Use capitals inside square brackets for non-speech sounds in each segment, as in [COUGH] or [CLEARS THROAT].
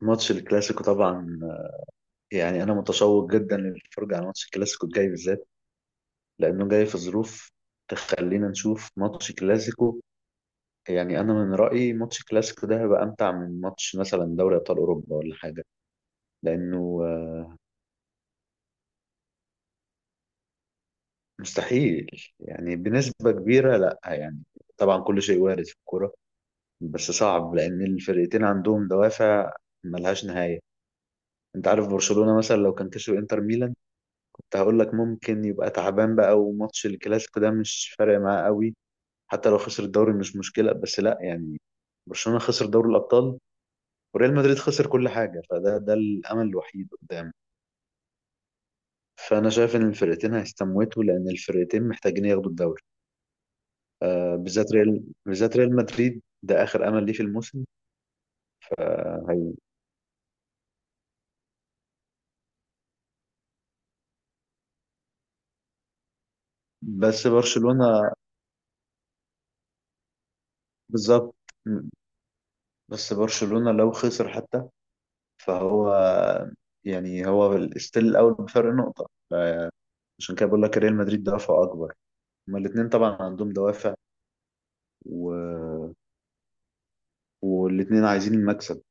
ماتش الكلاسيكو طبعا. يعني انا متشوق جدا للفرجه على ماتش الكلاسيكو الجاي بالذات لانه جاي في ظروف تخلينا نشوف ماتش كلاسيكو. يعني انا من رايي ماتش الكلاسيكو ده هيبقى امتع من ماتش مثلا دوري ابطال اوروبا ولا حاجه لانه مستحيل. يعني بنسبه كبيره لا يعني. طبعا كل شيء وارد في الكوره بس صعب لان الفرقتين عندهم دوافع ملهاش نهايه. انت عارف برشلونه مثلا لو كان كسب انتر ميلان كنت هقول لك ممكن يبقى تعبان بقى وماتش الكلاسيكو ده مش فارق معاه قوي. حتى لو خسر الدوري مش مشكلة بس لا يعني. برشلونة خسر دوري الأبطال وريال مدريد خسر كل حاجة، فده ده الأمل الوحيد قدامه. فأنا شايف إن الفرقتين هيستموتوا لأن الفرقتين محتاجين ياخدوا الدوري. آه، بالذات ريال، بالذات ريال مدريد ده آخر أمل ليه في الموسم. آه، هي- بس برشلونة بالظبط. بس برشلونة لو خسر حتى فهو، يعني هو ستيل الأول بفرق نقطة، عشان كده بقول لك ريال مدريد دوافعه أكبر. هما الاتنين طبعا عندهم دوافع و... والاتنين عايزين المكسب.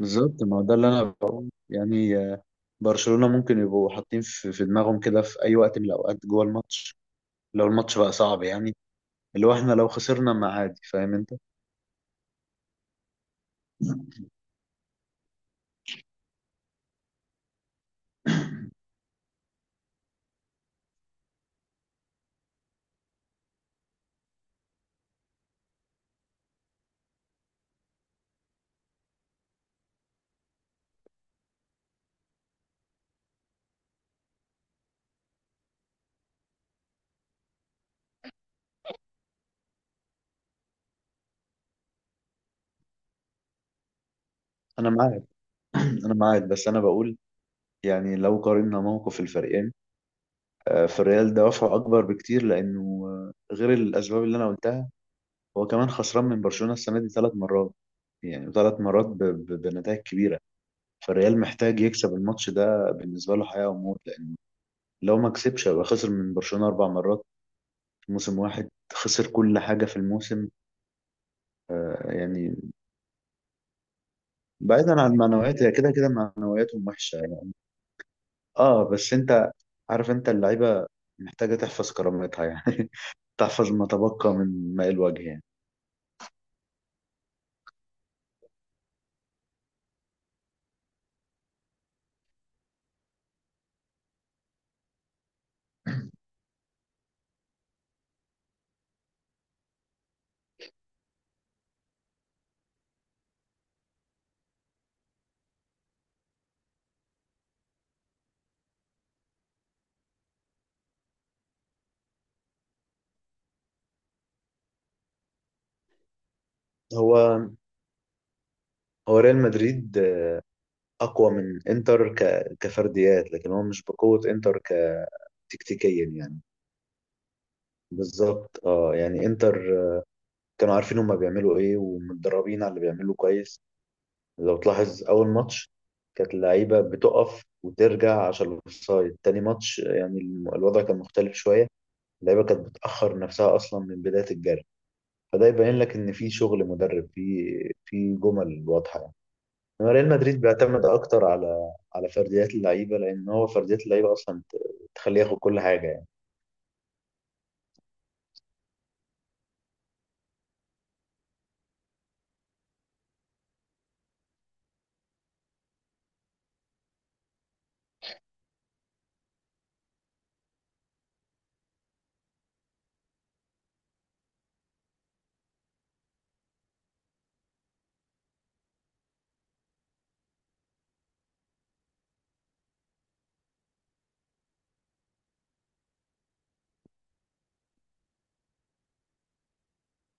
بالظبط، ما هو ده اللي أنا بقول، يعني برشلونة ممكن يبقوا حاطين في دماغهم كده في أي وقت من الأوقات جوه الماتش لو الماتش بقى صعب يعني. اللي هو، إحنا لو خسرنا ما عادي، فاهم أنت؟ أنا معاك. [CLEARS THROAT] أنا معاك، بس أنا بقول يعني لو قارنا موقف الفريقين، فالريال دوافعه اكبر بكتير لانه غير الاسباب اللي انا قلتها، هو كمان خسران من برشلونة السنة دي ثلاث مرات. يعني ثلاث مرات بنتائج كبيرة. فالريال محتاج يكسب الماتش ده، بالنسبة له حياة وموت، لأن لو ما كسبش يبقى خسر من برشلونة أربع مرات في موسم واحد، خسر كل حاجة في الموسم. آه يعني. بعيدا عن المعنويات، هي كده كده معنوياتهم وحشة يعني. اه بس انت عارف، انت اللعيبة محتاجة تحفظ كرامتها يعني. [LAUGHS] تحفظ ما تبقى من ماء الوجه يعني. هو هو ريال مدريد اقوى من انتر كفرديات، لكن هو مش بقوة انتر كتكتيكيا يعني. بالظبط، اه، يعني انتر كانوا عارفين هما بيعملوا ايه ومتدربين على اللي بيعملوا كويس. لو تلاحظ اول ماتش كانت اللعيبة بتقف وترجع عشان الاوفسايد. تاني ماتش يعني الوضع كان مختلف شوية. اللعيبة كانت بتأخر نفسها اصلا من بداية الجري. فده يبين لك ان في شغل مدرب، في جمل واضحة يعني. إنما ريال مدريد بيعتمد اكتر على فرديات اللعيبه، لان هو فرديات اللعيبه اصلا تخليه ياخد كل حاجه يعني.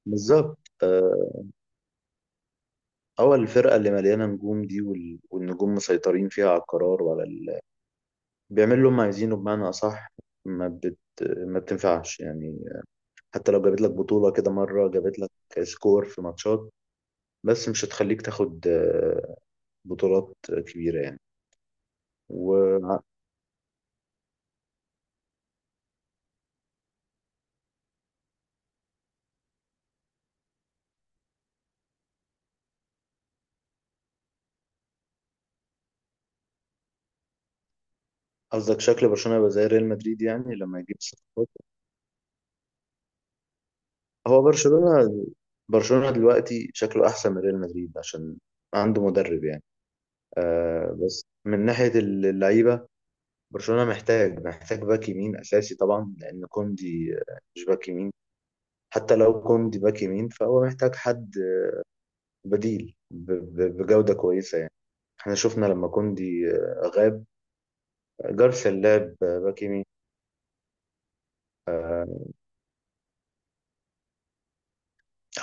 بالظبط. آه، هو الفرقه اللي مليانه نجوم دي، والنجوم مسيطرين فيها على القرار وعلى بيعملوا اللي هم عايزينه بمعنى اصح. ما بت... ما بتنفعش يعني. حتى لو جابت لك بطوله كده، مره جابت لك سكور في ماتشات، بس مش هتخليك تاخد بطولات كبيره يعني. وقصدك شكل برشلونه يبقى زي ريال مدريد يعني لما يجيب صفقات. هو برشلونة، برشلونة دلوقتي شكله أحسن من ريال مدريد عشان عنده مدرب يعني. آه، بس من ناحية اللعيبة برشلونة محتاج، محتاج باك يمين أساسي طبعا، لأن كوندي مش باك يمين. حتى لو كوندي باك يمين فهو محتاج حد بديل بجودة كويسة يعني. احنا شفنا لما كوندي غاب، جارسيا لعب باك يمين.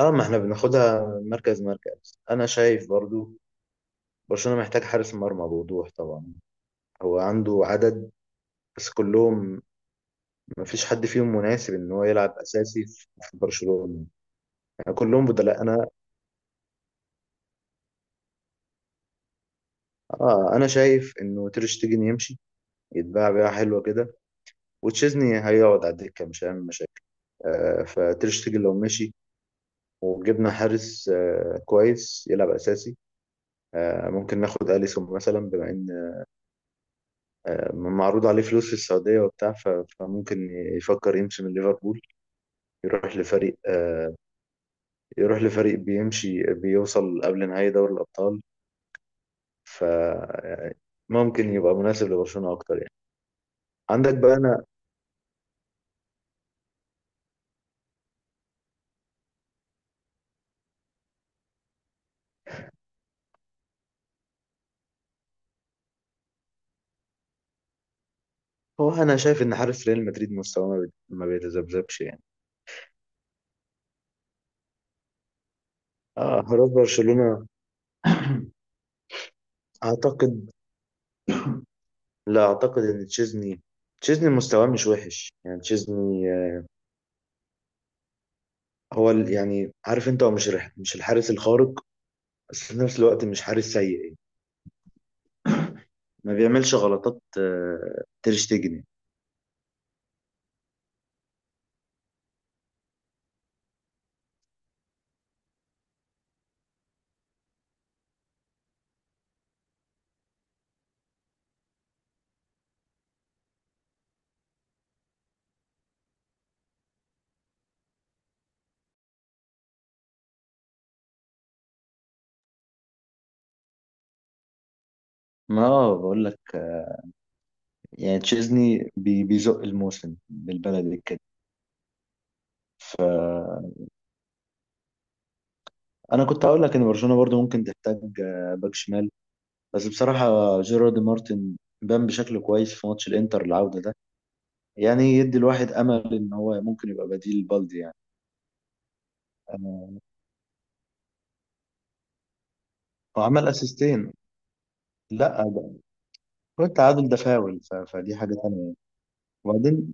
اه، ما احنا بناخدها مركز مركز. انا شايف برضو برشلونة محتاج حارس مرمى بوضوح طبعا. هو عنده عدد، بس كلهم ما فيش حد فيهم مناسب ان هو يلعب اساسي في برشلونة. يعني كلهم بدلاء. انا، اه انا شايف انه تير شتيجن يمشي، يتباع بيعه حلوه كده، وتشيزني هيقعد على الدكه مش هيعمل مشاكل. آه، فتير شتيجن لو مشي وجبنا حارس آه كويس يلعب اساسي، آه ممكن ناخد اليسون مثلا، بما ان آه معروض عليه فلوس في السعوديه وبتاع، فممكن يفكر يمشي من ليفربول، يروح لفريق آه، يروح لفريق بيمشي بيوصل قبل نهائي دوري الابطال. فممكن يبقى مناسب لبرشلونة اكتر يعني. عندك بقى. انا، هو انا شايف ان حارس ريال مدريد مستواه ما بيتذبذبش يعني. اه، حراس برشلونة. [CLEARS THROAT] اعتقد، لا اعتقد ان تشيزني، تشيزني مستواه مش وحش يعني. تشيزني هو يعني عارف انت، هو مش مش الحارس الخارق، بس في نفس الوقت مش حارس سيء يعني. ما بيعملش غلطات تير شتيجن يعني. ما بقول لك يعني تشيزني بيزق الموسم بالبلد. انا كنت هقول لك ان برشلونه برضو ممكن تحتاج باك شمال، بس بصراحه جيرارد مارتن بان بشكل كويس في ماتش الانتر العوده ده. يعني يدي الواحد امل ان هو ممكن يبقى بديل بالدي يعني. آه، هو عمل اسيستين. لا، ده هو التعادل ده فاول، فدي حاجه تانية. وبعدين،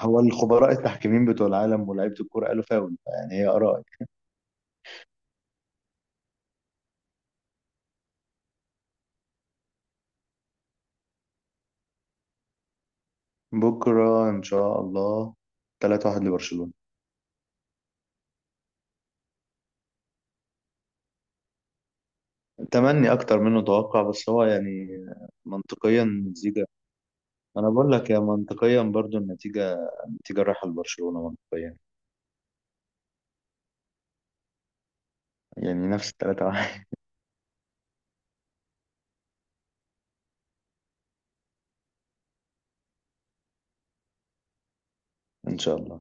هو الخبراء التحكيمين بتوع العالم ولاعيبه الكوره قالوا فاول. يعني هي ارائي. بكره ان شاء الله 3-1 لبرشلونه. تمني اكتر منه توقع، بس هو يعني منطقيا نتيجه. انا بقول لك، يا منطقيا برضو النتيجه، النتيجه رايحه لبرشلونه منطقيا. يعني نفس الثلاثه واحد. ان شاء الله.